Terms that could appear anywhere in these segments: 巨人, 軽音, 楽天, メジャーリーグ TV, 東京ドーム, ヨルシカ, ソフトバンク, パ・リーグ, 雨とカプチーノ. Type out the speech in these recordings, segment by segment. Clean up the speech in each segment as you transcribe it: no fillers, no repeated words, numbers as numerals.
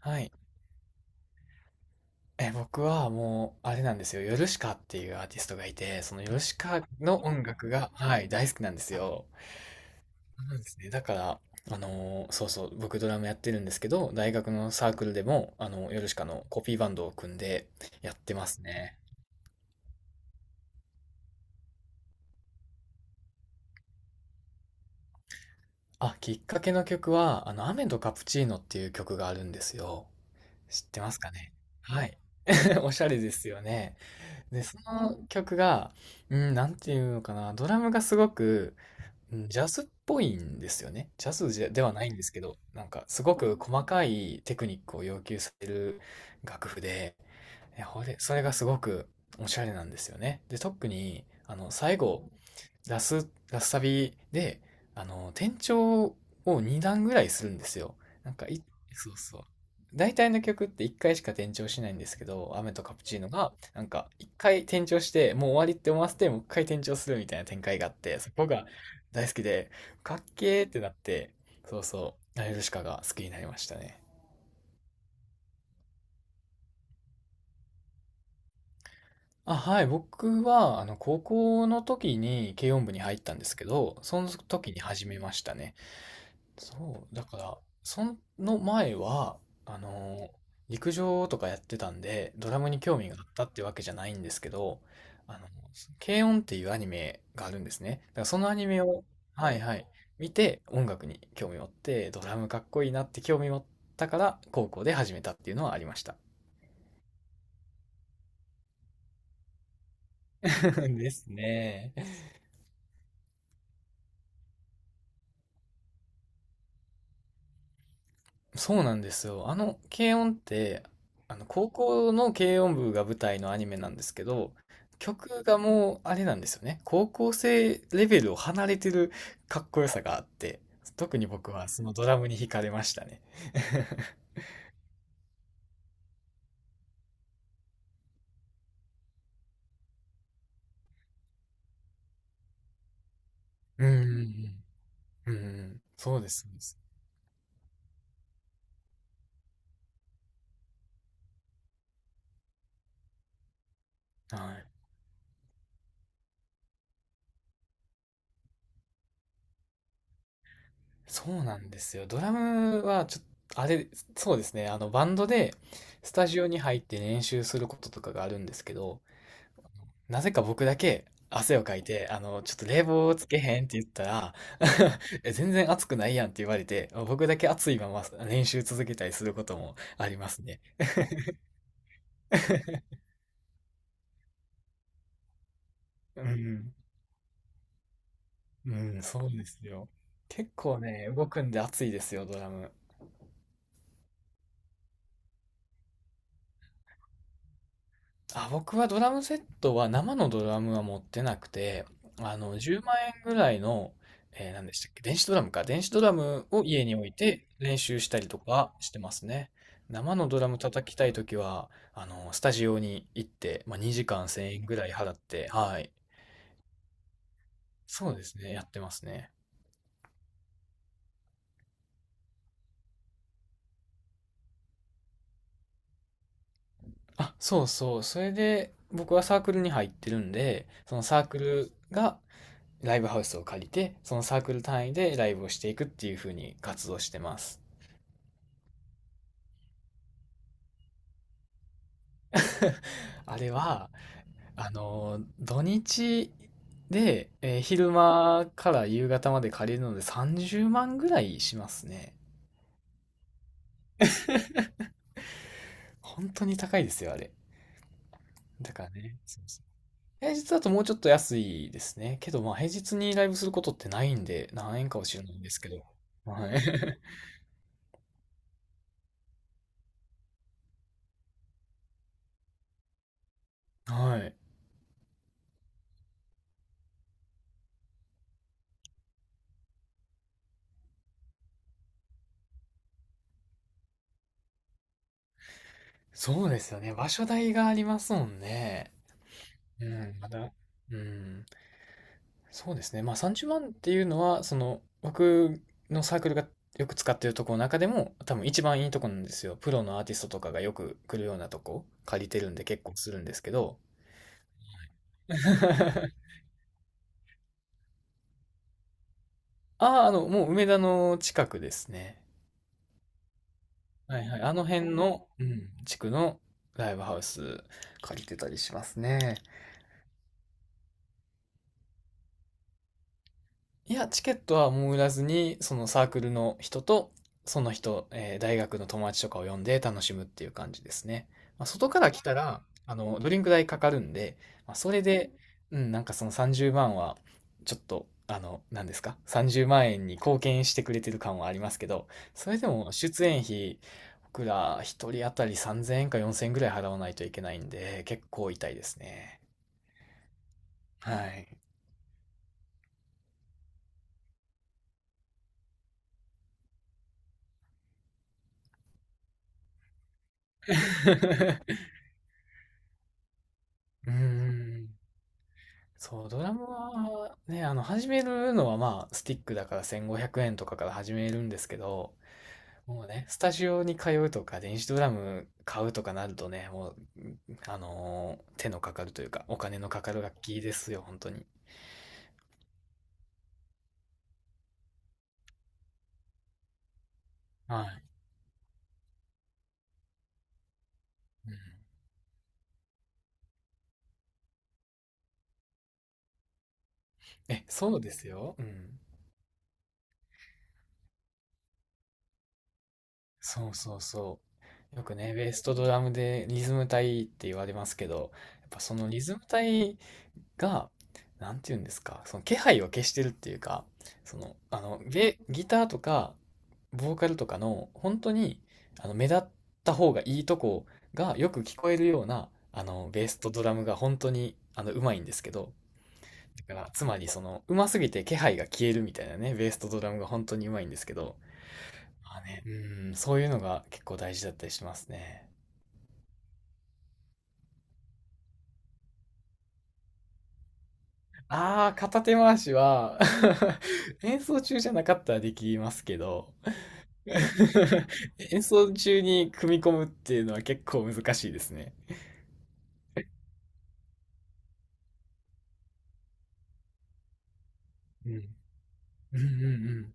はい。僕はもう、あれなんですよ。ヨルシカっていうアーティストがいて、そのヨルシカの音楽が、はい、大好きなんですよ。そうなんですね。だから、そうそう、僕ドラムやってるんですけど、大学のサークルでも、ヨルシカのコピーバンドを組んでやってますね。あ、きっかけの曲は、雨とカプチーノっていう曲があるんですよ。知ってますかね？はい。おしゃれですよね。で、その曲が、うん、なんていうのかな、ドラムがすごく、うんジャズっぽいんですよね。ジャズじゃではないんですけど、なんかすごく細かいテクニックを要求される楽譜で、えほれ、それがすごくおしゃれなんですよね。で、特に、最後、ラスサビで、転調を2段ぐらいするんですよ。なんかい、そうそう。大体の曲って1回しか転調しないんですけど、雨とカプチーノが、なんか、1回転調して、もう終わりって思わせて、もう1回転調するみたいな展開があって、そこが大好きで、かっけーってなって、そうそう、ナヨルシカが好きになりましたね。あ、はい、僕は、高校の時に軽音部に入ったんですけど、その時に始めましたね。そう、だから、その前は、あのー陸上とかやってたんで、ドラムに興味があったってわけじゃないんですけど、あの、軽音っていうアニメがあるんですね。だからそのアニメを、はいはい、見て音楽に興味持って、ドラムかっこいいなって興味持ったから、高校で始めたっていうのはありました。ですね。そうなんですよ。軽音って、高校の軽音部が舞台のアニメなんですけど、曲がもう、あれなんですよね。高校生レベルを離れてるかっこよさがあって、特に僕はそのドラムに惹かれましたね。うん、うんうん、うんうん、そうです、そうです。はい。そうなんですよ。ドラムはちょっと、あれ、そうですね。バンドでスタジオに入って練習することとかがあるんですけど、なぜか僕だけ汗をかいて、ちょっと冷房つけへんって言ったら、え全然暑くないやんって言われて、僕だけ暑いまま練習続けたりすることもありますね。うん、うん、そうですよ。結構ね、動くんで暑いですよ、ドラム。あ、僕はドラムセットは生のドラムは持ってなくて、10万円ぐらいの、何でしたっけ、電子ドラムか。電子ドラムを家に置いて練習したりとかしてますね。生のドラム叩きたいときは、スタジオに行って、まあ、2時間1000円ぐらい払って、はい。そうですね、やってますね。あ、そうそう。それで、僕はサークルに入ってるんで、そのサークルがライブハウスを借りて、そのサークル単位でライブをしていくっていう風に活動してます。あれは、土日で、昼間から夕方まで借りるので30万ぐらいしますね。本当に高いですよ、あれ。だからね、そうそう平日だともうちょっと安いですね。けど、まあ、平日にライブすることってないんで、何円かは知らないんですけど。はい。はい。そうですよね。場所代がありますもんね。うん、まだ。うん。そうですね。まあ30万っていうのは、その僕のサークルがよく使ってるとこの中でも多分一番いいとこなんですよ。プロのアーティストとかがよく来るようなとこ借りてるんで結構するんですけど。ああ、もう梅田の近くですね。はいはい。あの辺の、うん、地区のライブハウス借りてたりしますね。いや、チケットはもう売らずに、そのサークルの人と、その人、大学の友達とかを呼んで楽しむっていう感じですね。まあ、外から来たら、ドリンク代かかるんで、まあ、それで、うん、なんかその30万は、ちょっと、何ですか？ 30 万円に貢献してくれてる感はありますけど、それでも出演費、僕ら一人当たり3000円か4000円ぐらい払わないといけないんで、結構痛いですね。はい。うーん。そう、ドラムはね、始めるのはまあ、スティックだから1500円とかから始めるんですけど、もうね、スタジオに通うとか、電子ドラム買うとかなるとね、もう、手のかかるというか、お金のかかる楽器ですよ、本当に。はい。うん、そうですよ。うん。そうそうそう。よくね、ベースとドラムでリズム隊って言われますけど、やっぱそのリズム隊が、なんて言うんですか、その気配を消してるっていうか、その、ギターとか、ボーカルとかの、本当に、目立った方がいいとこがよく聞こえるような、ベースとドラムが本当に、うまいんですけど、だから、つまり、その、うますぎて気配が消えるみたいなね、ベースとドラムが本当にうまいんですけど、まあね、うん、そういうのが結構大事だったりしますね。ああ、片手回しは 演奏中じゃなかったらできますけど、演奏中に組み込むっていうのは結構難しいですね。うん。うんうんうん。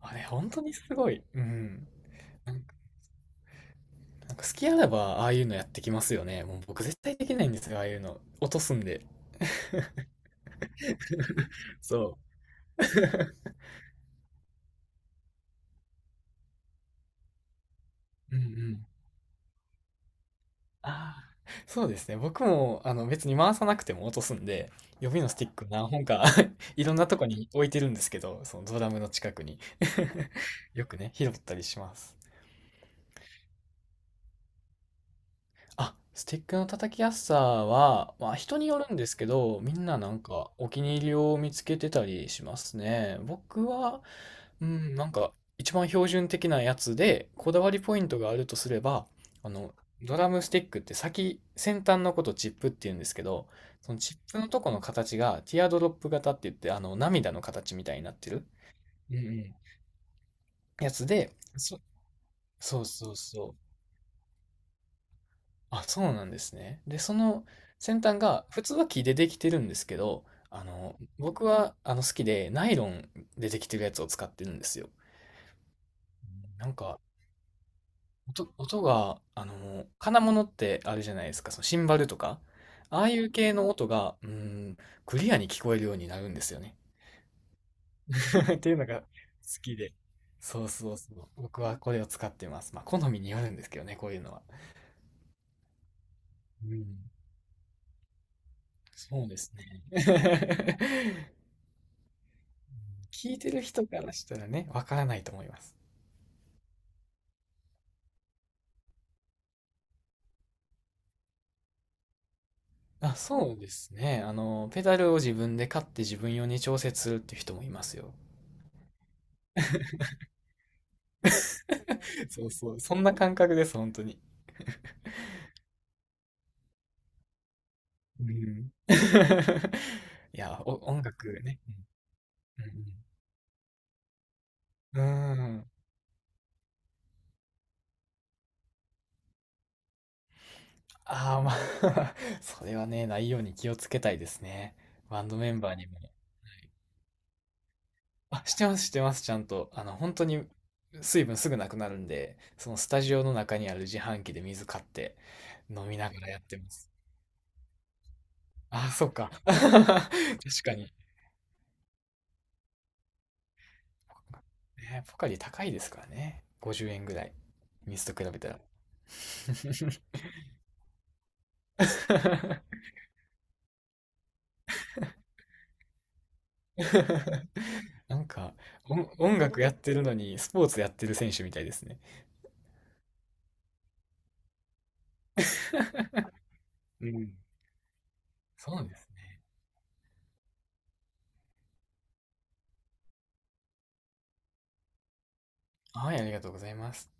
あれ、本当にすごい。うん。なんか、なんか好きあらば、ああいうのやってきますよね。もう僕絶対できないんですよ、ああいうの。落とすんで。そう。うんうん。ああ、そうですね。僕も、別に回さなくても落とすんで、予備のスティック何本か いろんなとこに置いてるんですけど、そのドラムの近くに よくね、拾ったりします。あ、スティックの叩きやすさは、まあ人によるんですけど、みんななんかお気に入りを見つけてたりしますね。僕は、うん、なんか一番標準的なやつで、こだわりポイントがあるとすれば、あの、ドラムスティックって先端のことチップって言うんですけど、そのチップのとこの形がティアドロップ型って言って、涙の形みたいになってる、うんうん、やつで、そ、そうそうそう。あ、そうなんですね。で、その先端が、普通は木でできてるんですけど、僕は好きで、ナイロンでできてるやつを使ってるんですよ。なんか、音が、金物ってあるじゃないですか、そのシンバルとか、ああいう系の音が、うん、クリアに聞こえるようになるんですよね。っていうのが好きで。そうそうそう。僕はこれを使ってます。まあ、好みによるんですけどね、こういうのは。うん、そうですね。聞いてる人からしたらね、わからないと思います。あ、そうですね。ペダルを自分で買って自分用に調節するっていう人もいますよ。そうそう。そんな感覚です、本当に。うん。いや、音楽ね。うん。うん。うんああー、まあ それはね、ないように気をつけたいですね。バンドメンバーにも。あ、してます、してます、ちゃんと。本当に水分すぐなくなるんで、そのスタジオの中にある自販機で水買って飲みながらやってます。あ、そっか。確かに。ね、ポカリ高いですからね。50円ぐらい。水と比べたら。なんか、音楽やってるのにスポーツやってる選手みたいですね。うん。そうですね。はい、ありがとうございます。